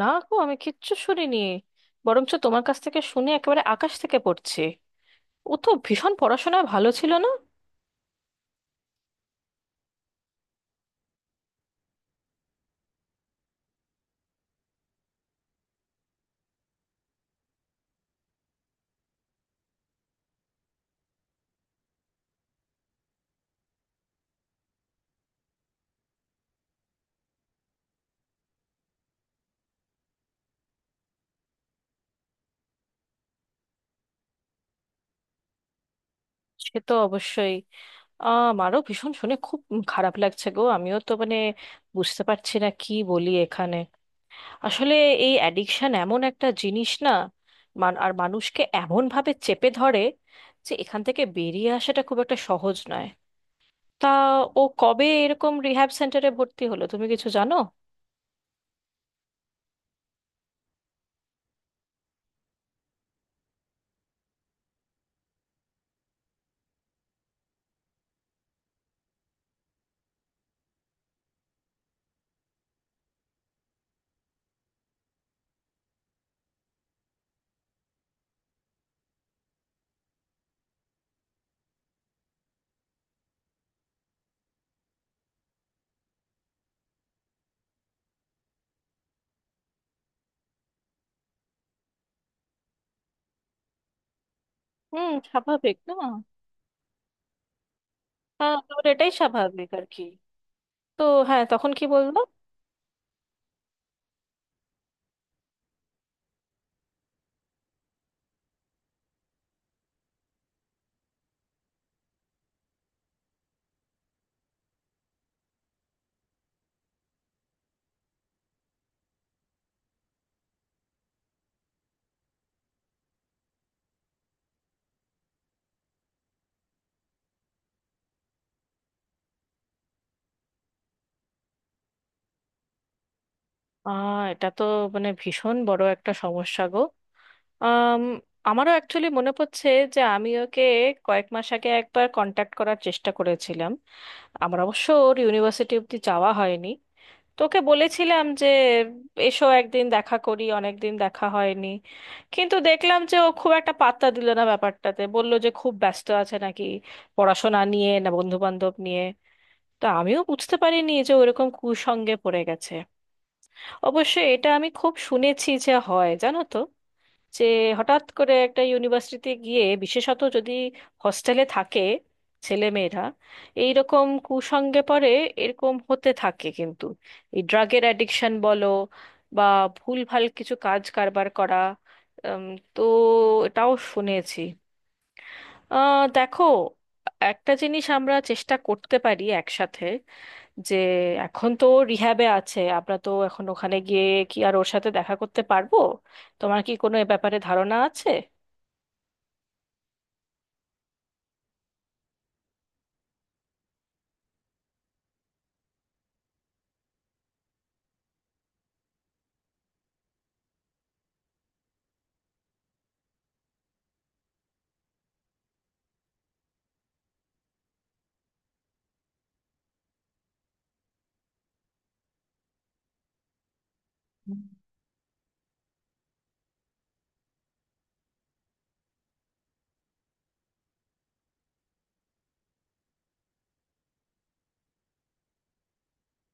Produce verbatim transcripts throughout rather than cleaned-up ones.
না গো, আমি কিচ্ছু শুনিনি। বরঞ্চ তোমার কাছ থেকে শুনে একেবারে আকাশ থেকে পড়ছি। ও তো ভীষণ পড়াশোনায় ভালো ছিল না। সে তো অবশ্যই। আহ, আমারও ভীষণ শুনে খুব খারাপ লাগছে গো। আমিও তো মানে বুঝতে পারছি না কি বলি এখানে। আসলে এই অ্যাডিকশন এমন একটা জিনিস না, মান- আর মানুষকে এমন ভাবে চেপে ধরে যে এখান থেকে বেরিয়ে আসাটা খুব একটা সহজ নয়। তা ও কবে এরকম রিহ্যাব সেন্টারে ভর্তি হলো, তুমি কিছু জানো? হুম, স্বাভাবিক না। হ্যাঁ, তোর এটাই স্বাভাবিক আর কি। তো হ্যাঁ, তখন কি বললো? আহ, এটা তো মানে ভীষণ বড় একটা সমস্যা গো। আম, আমারও অ্যাকচুয়ালি মনে পড়ছে যে আমি ওকে কয়েক মাস আগে একবার কন্ট্যাক্ট করার চেষ্টা করেছিলাম। আমার অবশ্য ওর ইউনিভার্সিটি অব্দি যাওয়া হয়নি। তো ওকে বলেছিলাম যে এসো একদিন দেখা করি, অনেক দিন দেখা হয়নি। কিন্তু দেখলাম যে ও খুব একটা পাত্তা দিল না ব্যাপারটাতে, বলল যে খুব ব্যস্ত আছে নাকি পড়াশোনা নিয়ে না বন্ধু বান্ধব নিয়ে। তো আমিও বুঝতে পারিনি যে ওরকম কুসঙ্গে পড়ে গেছে। অবশ্য এটা আমি খুব শুনেছি যে হয়, জানো তো, যে হঠাৎ করে একটা ইউনিভার্সিটিতে গিয়ে, বিশেষত যদি হস্টেলে থাকে ছেলেমেয়েরা, এইরকম কুসঙ্গে পড়ে এরকম হতে থাকে। কিন্তু এই ড্রাগের অ্যাডিকশন বলো বা ভুলভাল কিছু কাজ কারবার করা, উম, তো এটাও শুনেছি। আহ, দেখো, একটা জিনিস আমরা চেষ্টা করতে পারি একসাথে, যে এখন তো রিহ্যাবে আছে, আমরা তো এখন ওখানে গিয়ে কি আর ওর সাথে দেখা করতে পারবো? তোমার কি কোনো এ ব্যাপারে ধারণা আছে?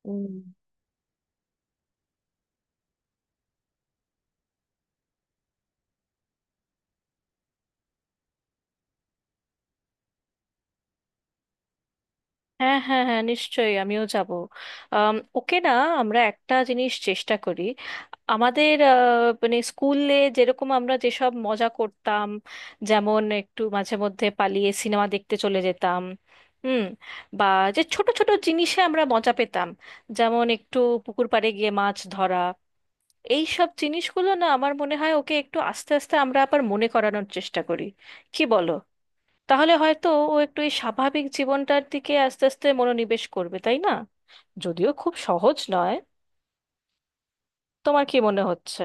উম, হ্যাঁ হ্যাঁ হ্যাঁ, নিশ্চয়ই আমিও যাব। আম, ওকে না আমরা একটা জিনিস চেষ্টা করি। আমাদের আহ, মানে স্কুলে যেরকম আমরা যেসব মজা করতাম, যেমন একটু মাঝে মধ্যে পালিয়ে সিনেমা দেখতে চলে যেতাম, হুম, বা যে ছোট ছোট জিনিসে আমরা মজা পেতাম, যেমন একটু পুকুর পাড়ে গিয়ে মাছ ধরা, এই সব জিনিসগুলো না আমার মনে হয় ওকে একটু আস্তে আস্তে আমরা আবার মনে করানোর চেষ্টা করি। কি বলো? তাহলে হয়তো ও একটু এই স্বাভাবিক জীবনটার দিকে আস্তে আস্তে মনোনিবেশ করবে, তাই না? যদিও খুব সহজ নয়। তোমার কি মনে হচ্ছে?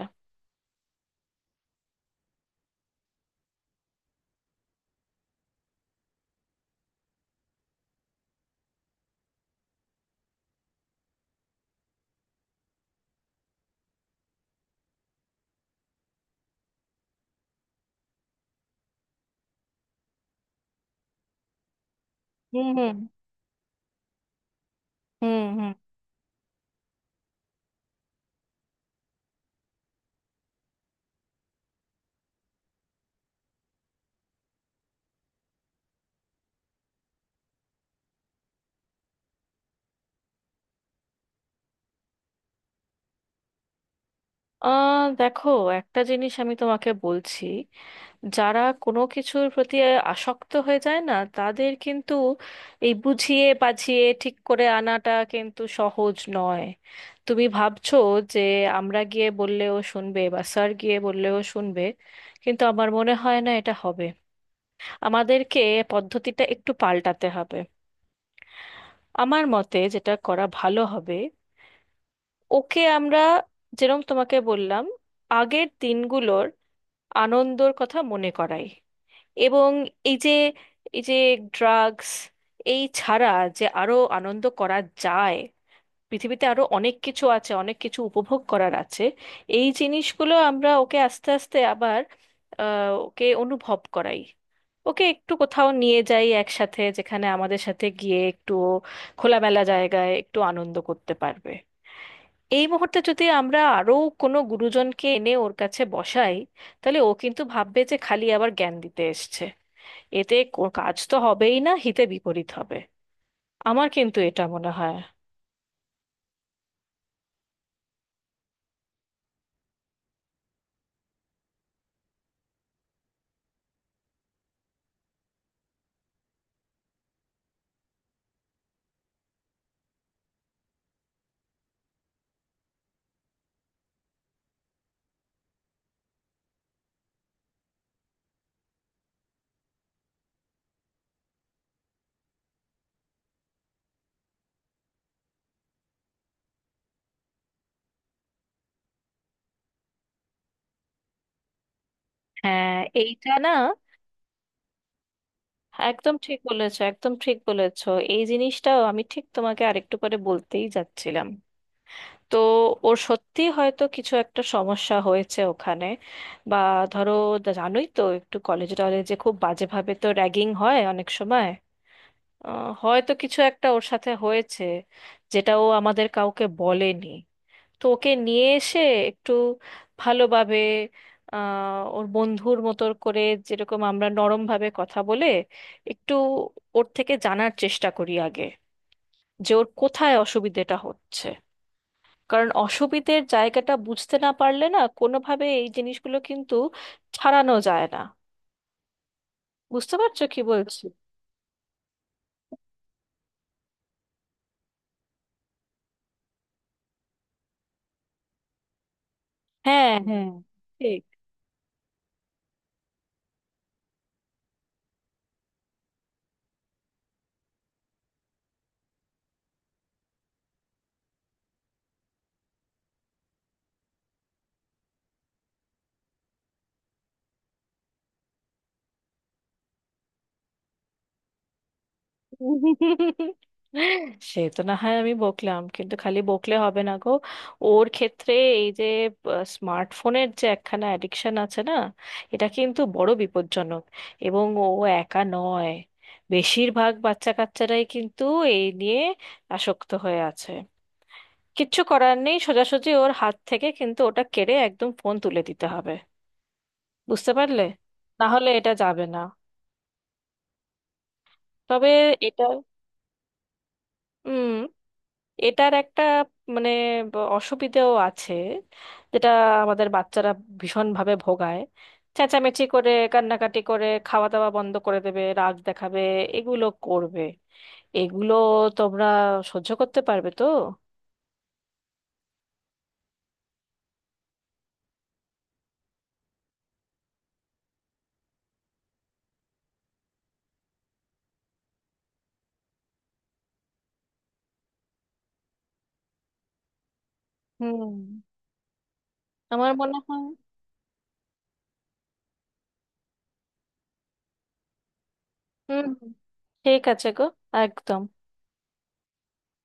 হুম হুম। হুম হুম। আহ, দেখো, একটা জিনিস আমি তোমাকে বলছি। যারা কোনো কিছুর প্রতি আসক্ত হয়ে যায় না তাদের কিন্তু এই বুঝিয়ে বাঝিয়ে ঠিক করে আনাটা কিন্তু সহজ নয়। তুমি ভাবছো যে আমরা গিয়ে বললেও শুনবে বা স্যার গিয়ে বললেও শুনবে, কিন্তু আমার মনে হয় না এটা হবে। আমাদেরকে পদ্ধতিটা একটু পাল্টাতে হবে। আমার মতে যেটা করা ভালো হবে, ওকে আমরা যেরকম তোমাকে বললাম, আগের দিনগুলোর আনন্দর কথা মনে করাই, এবং এই যে এই যে ড্রাগস এই ছাড়া যে আরো আনন্দ করা যায়, পৃথিবীতে আরো অনেক কিছু আছে, অনেক কিছু উপভোগ করার আছে, এই জিনিসগুলো আমরা ওকে আস্তে আস্তে আবার আহ, ওকে অনুভব করাই। ওকে একটু কোথাও নিয়ে যাই একসাথে, যেখানে আমাদের সাথে গিয়ে একটু ও খোলামেলা জায়গায় একটু আনন্দ করতে পারবে। এই মুহূর্তে যদি আমরা আরো কোনো গুরুজনকে এনে ওর কাছে বসাই, তাহলে ও কিন্তু ভাববে যে খালি আবার জ্ঞান দিতে এসছে। এতে কো- কাজ তো হবেই না, হিতে বিপরীত হবে। আমার কিন্তু এটা মনে হয়। হ্যাঁ, এইটা না। একদম ঠিক বলেছো, একদম ঠিক বলেছো। এই জিনিসটাও আমি ঠিক তোমাকে আরেকটু পরে বলতেই যাচ্ছিলাম। তো ওর সত্যি হয়তো কিছু একটা সমস্যা হয়েছে ওখানে, বা ধরো, জানোই তো, একটু কলেজ টলেজে খুব বাজেভাবে তো র্যাগিং হয় অনেক সময়। আহ, হয়তো কিছু একটা ওর সাথে হয়েছে যেটা ও আমাদের কাউকে বলেনি। তো ওকে নিয়ে এসে একটু ভালোভাবে, আহ, ওর বন্ধুর মতো করে, যেরকম আমরা নরমভাবে কথা বলে একটু ওর থেকে জানার চেষ্টা করি আগে, যে ওর কোথায় অসুবিধেটা হচ্ছে। কারণ অসুবিধের জায়গাটা বুঝতে না পারলে না কোনোভাবে এই জিনিসগুলো কিন্তু ছাড়ানো যায় না। বুঝতে পারছো কি বলছি? হ্যাঁ হ্যাঁ। ঠিক। সে তো না হয় আমি বকলাম, কিন্তু খালি বকলে হবে না গো। ওর ক্ষেত্রে এই যে স্মার্টফোনের যে একখানা অ্যাডিকশন আছে না, এটা কিন্তু বড় বিপজ্জনক। এবং ও একা নয়, বেশিরভাগ বাচ্চা কাচ্চারাই কিন্তু এই নিয়ে আসক্ত হয়ে আছে। কিচ্ছু করার নেই, সোজাসুজি ওর হাত থেকে কিন্তু ওটা কেড়ে একদম ফোন তুলে দিতে হবে। বুঝতে পারলে? না হলে এটা যাবে না। তবে এটা, হুম, এটার একটা মানে ব- অসুবিধেও আছে, যেটা আমাদের বাচ্চারা ভীষণভাবে ভোগায়। চেঁচামেচি করে, কান্নাকাটি করে, খাওয়া দাওয়া বন্ধ করে দেবে, রাগ দেখাবে, এগুলো করবে। এগুলো তোমরা সহ্য করতে পারবে তো? হুম, আমার মনে হয়। হুম হুম, ঠিক আছে গো। একদম।